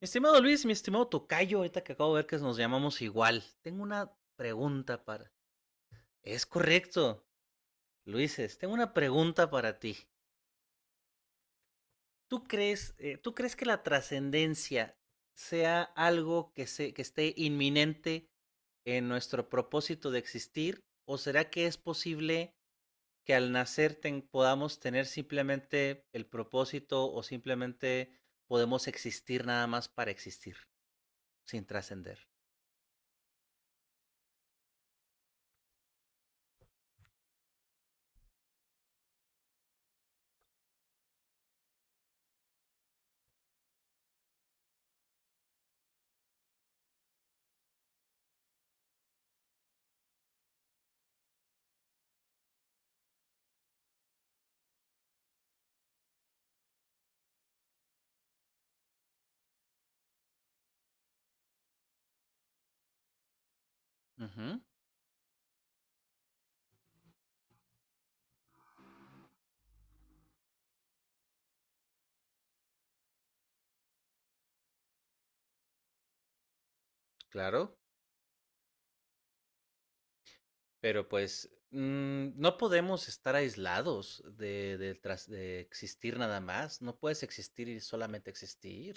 Mi estimado Luis, mi estimado Tocayo, ahorita que acabo de ver que nos llamamos igual, tengo una pregunta para... Es correcto, Luises, tengo una pregunta para ti. ¿Tú crees que la trascendencia sea algo que esté inminente en nuestro propósito de existir? ¿O será que es posible que al nacer podamos tener simplemente el propósito o simplemente podemos existir nada más para existir, sin trascender? Uh -huh, claro. Pero pues no podemos estar aislados de existir nada más. No puedes existir y solamente existir.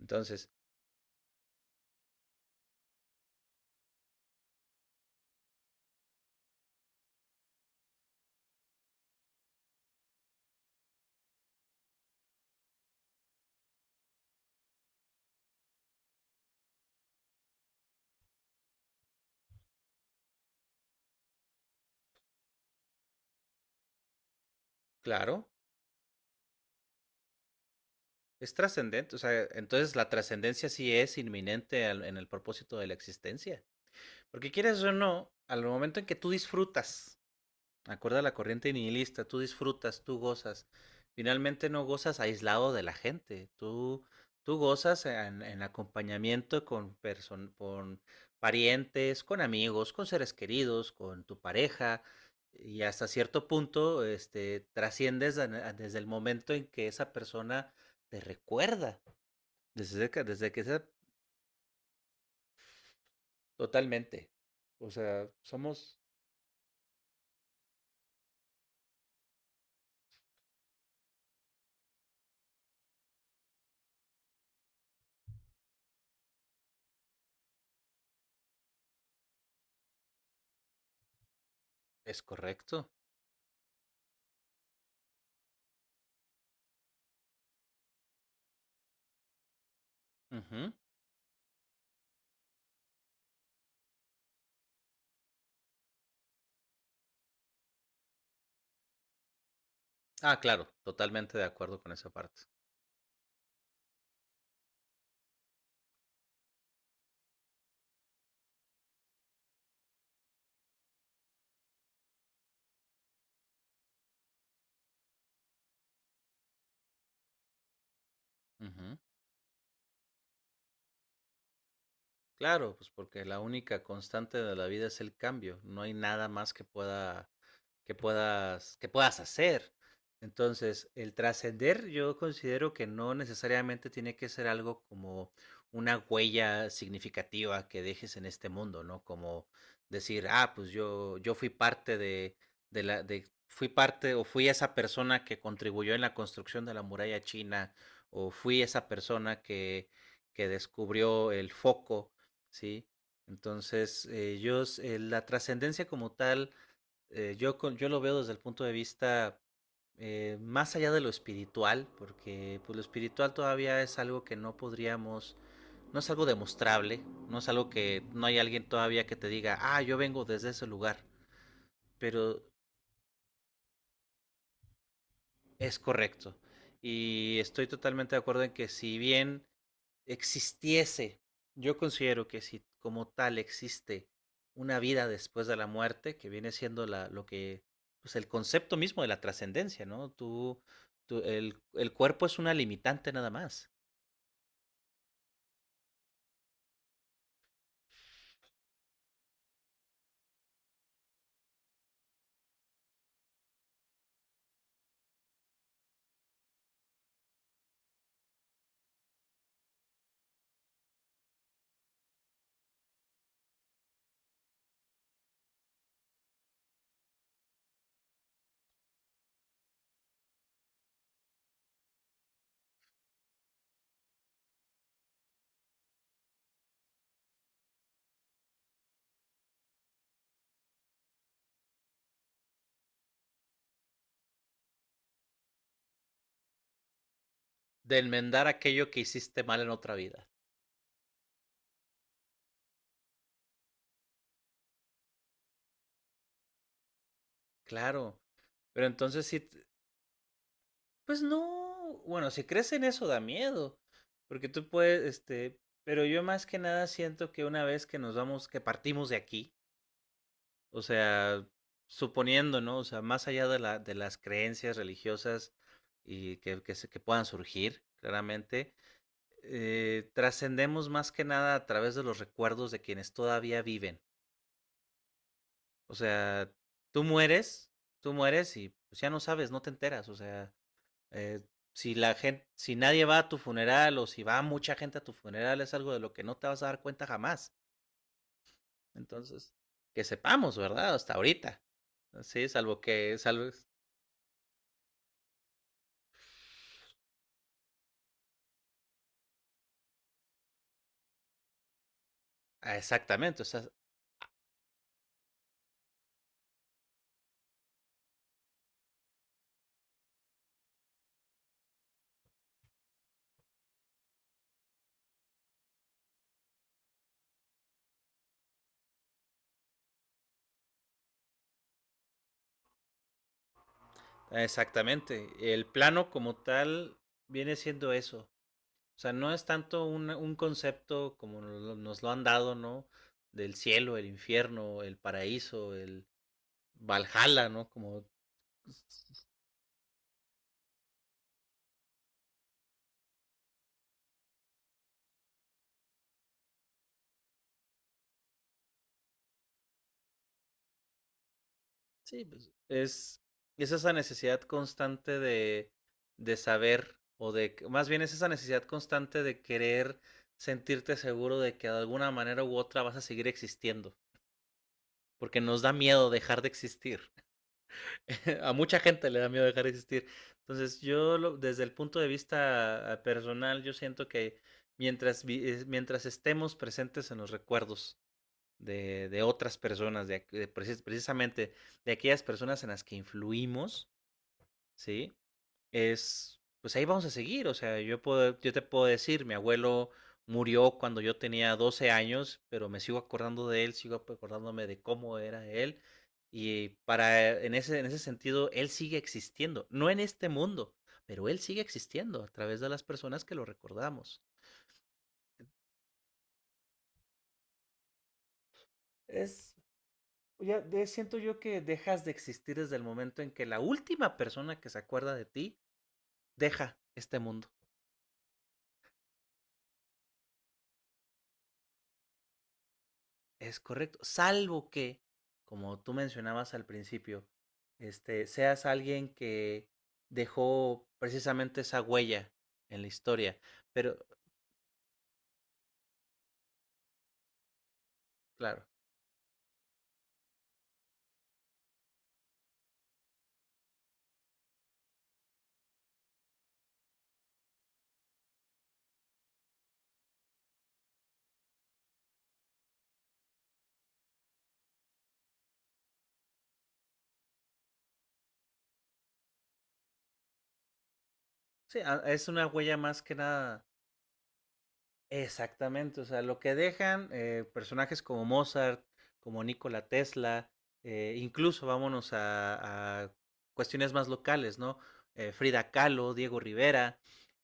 Entonces, claro, es trascendente. O sea, entonces la trascendencia sí es inminente en el propósito de la existencia. Porque quieres o no, al momento en que tú disfrutas acorde a la corriente nihilista, tú disfrutas, tú gozas. Finalmente no gozas aislado de la gente, tú gozas en acompañamiento con parientes, con amigos, con seres queridos, con tu pareja y hasta cierto punto este, trasciendes desde el momento en que esa persona te recuerda, desde que sea totalmente. O sea, somos... Es correcto. Ujú. Ah, claro, totalmente de acuerdo con esa parte. Ujú. Claro, pues porque la única constante de la vida es el cambio, no hay nada más que pueda que puedas hacer. Entonces, el trascender yo considero que no necesariamente tiene que ser algo como una huella significativa que dejes en este mundo, ¿no? Como decir, ah, pues yo fui parte de fui parte o fui esa persona que contribuyó en la construcción de la muralla china o fui esa persona que descubrió el foco. Sí, entonces la trascendencia como tal, yo, yo lo veo desde el punto de vista más allá de lo espiritual, porque pues, lo espiritual todavía es algo que no podríamos, no es algo demostrable, no es algo que no hay alguien todavía que te diga, ah, yo vengo desde ese lugar, pero es correcto. Y estoy totalmente de acuerdo en que si bien existiese, yo considero que si como tal existe una vida después de la muerte, que viene siendo lo que, pues el concepto mismo de la trascendencia, ¿no? Tú, el cuerpo es una limitante nada más, de enmendar aquello que hiciste mal en otra vida. Claro, pero entonces si, pues no, bueno, si crees en eso da miedo, porque tú puedes, este, pero yo más que nada siento que una vez que nos vamos, que partimos de aquí. O sea, suponiendo, ¿no? O sea, más allá de de las creencias religiosas y que puedan surgir, claramente, trascendemos más que nada a través de los recuerdos de quienes todavía viven. O sea, tú mueres, tú mueres y pues, ya no sabes, no te enteras. O sea, eh, si la gente, si nadie va a tu funeral o si va mucha gente a tu funeral, es algo de lo que no te vas a dar cuenta jamás. Entonces, que sepamos, ¿verdad? Hasta ahorita. Sí, salvo, ah, exactamente, o sea, exactamente. El plano como tal viene siendo eso. O sea, no es tanto un concepto como nos lo han dado, ¿no? Del cielo, el infierno, el paraíso, el Valhalla, ¿no? Como, sí, pues es esa necesidad constante de saber, más bien es esa necesidad constante de querer sentirte seguro de que de alguna manera u otra vas a seguir existiendo, porque nos da miedo dejar de existir. A mucha gente le da miedo dejar de existir. Entonces, desde el punto de vista personal, yo siento que mientras, mientras estemos presentes en los recuerdos de otras personas, de, aqu- de precis- precisamente de aquellas personas en las que influimos, ¿sí? Es, pues ahí vamos a seguir. O sea, yo, puedo, yo te puedo decir, mi abuelo murió cuando yo tenía 12 años, pero me sigo acordando de él, sigo acordándome de cómo era él. Y para, en ese sentido, él sigue existiendo, no en este mundo, pero él sigue existiendo a través de las personas que lo recordamos. Es, siento yo que dejas de existir desde el momento en que la última persona que se acuerda de ti deja este mundo. Es correcto, salvo que, como tú mencionabas al principio, este, seas alguien que dejó precisamente esa huella en la historia. Pero, claro, sí, a- es una huella más que nada. Exactamente, o sea, lo que dejan personajes como Mozart, como Nikola Tesla, incluso vámonos a cuestiones más locales, ¿no? Frida Kahlo, Diego Rivera,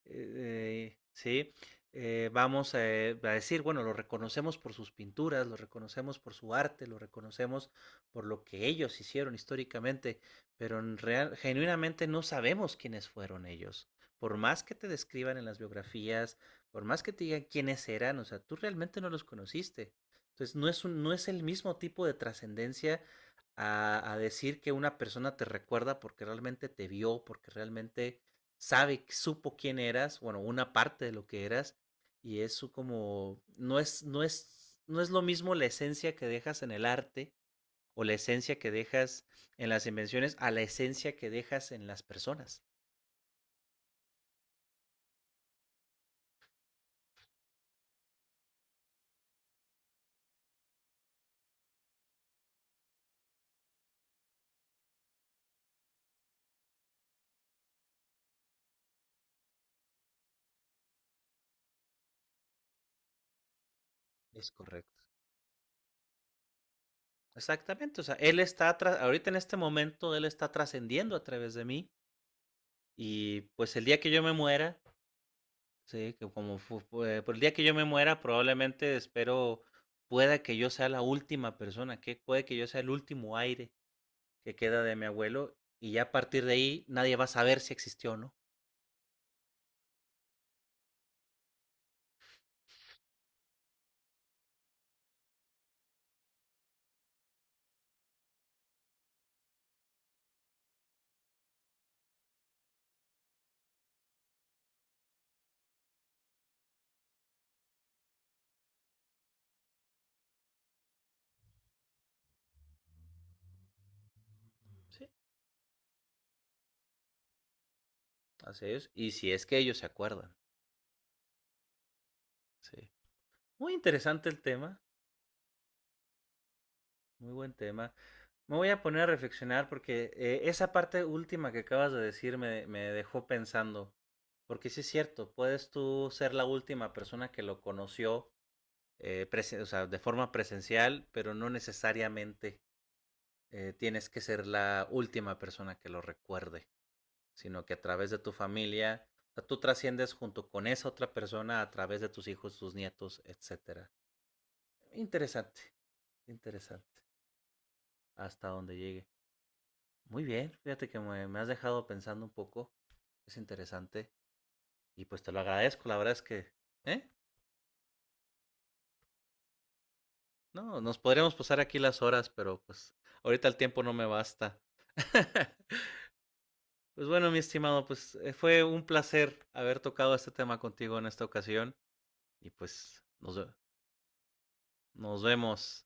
¿sí? Vamos a decir, bueno, lo reconocemos por sus pinturas, lo reconocemos por su arte, lo reconocemos por lo que ellos hicieron históricamente, pero en real, genuinamente no sabemos quiénes fueron ellos por más que te describan en las biografías, por más que te digan quiénes eran, o sea, tú realmente no los conociste. Entonces, no es el mismo tipo de trascendencia a decir que una persona te recuerda porque realmente te vio, porque realmente sabe, supo quién eras, bueno, una parte de lo que eras, y eso como, no es lo mismo la esencia que dejas en el arte o la esencia que dejas en las invenciones a la esencia que dejas en las personas. Es correcto. Exactamente, o sea, ahorita en este momento, él está trascendiendo a través de mí y pues el día que yo me muera, sí, que como fu- fue- por el día que yo me muera, probablemente espero pueda que yo sea la última persona, que puede que yo sea el último aire que queda de mi abuelo y ya a partir de ahí nadie va a saber si existió o no. Sí, así es, y si es que ellos se acuerdan. Sí. Muy interesante el tema, muy buen tema. Me voy a poner a reflexionar porque esa parte última que acabas de decir me dejó pensando. Porque sí es cierto, puedes tú ser la última persona que lo conoció o sea, de forma presencial, pero no necesariamente tienes que ser la última persona que lo recuerde, sino que a través de tu familia, o sea, tú trasciendes junto con esa otra persona a través de tus hijos, tus nietos, etcétera. Interesante, interesante, hasta donde llegue. Muy bien, fíjate que me has dejado pensando un poco. Es interesante. Y pues te lo agradezco, la verdad es que, ¿eh? No, nos podríamos pasar aquí las horas, pero pues ahorita el tiempo no me basta. Pues bueno, mi estimado, pues fue un placer haber tocado este tema contigo en esta ocasión. Y pues nos vemos.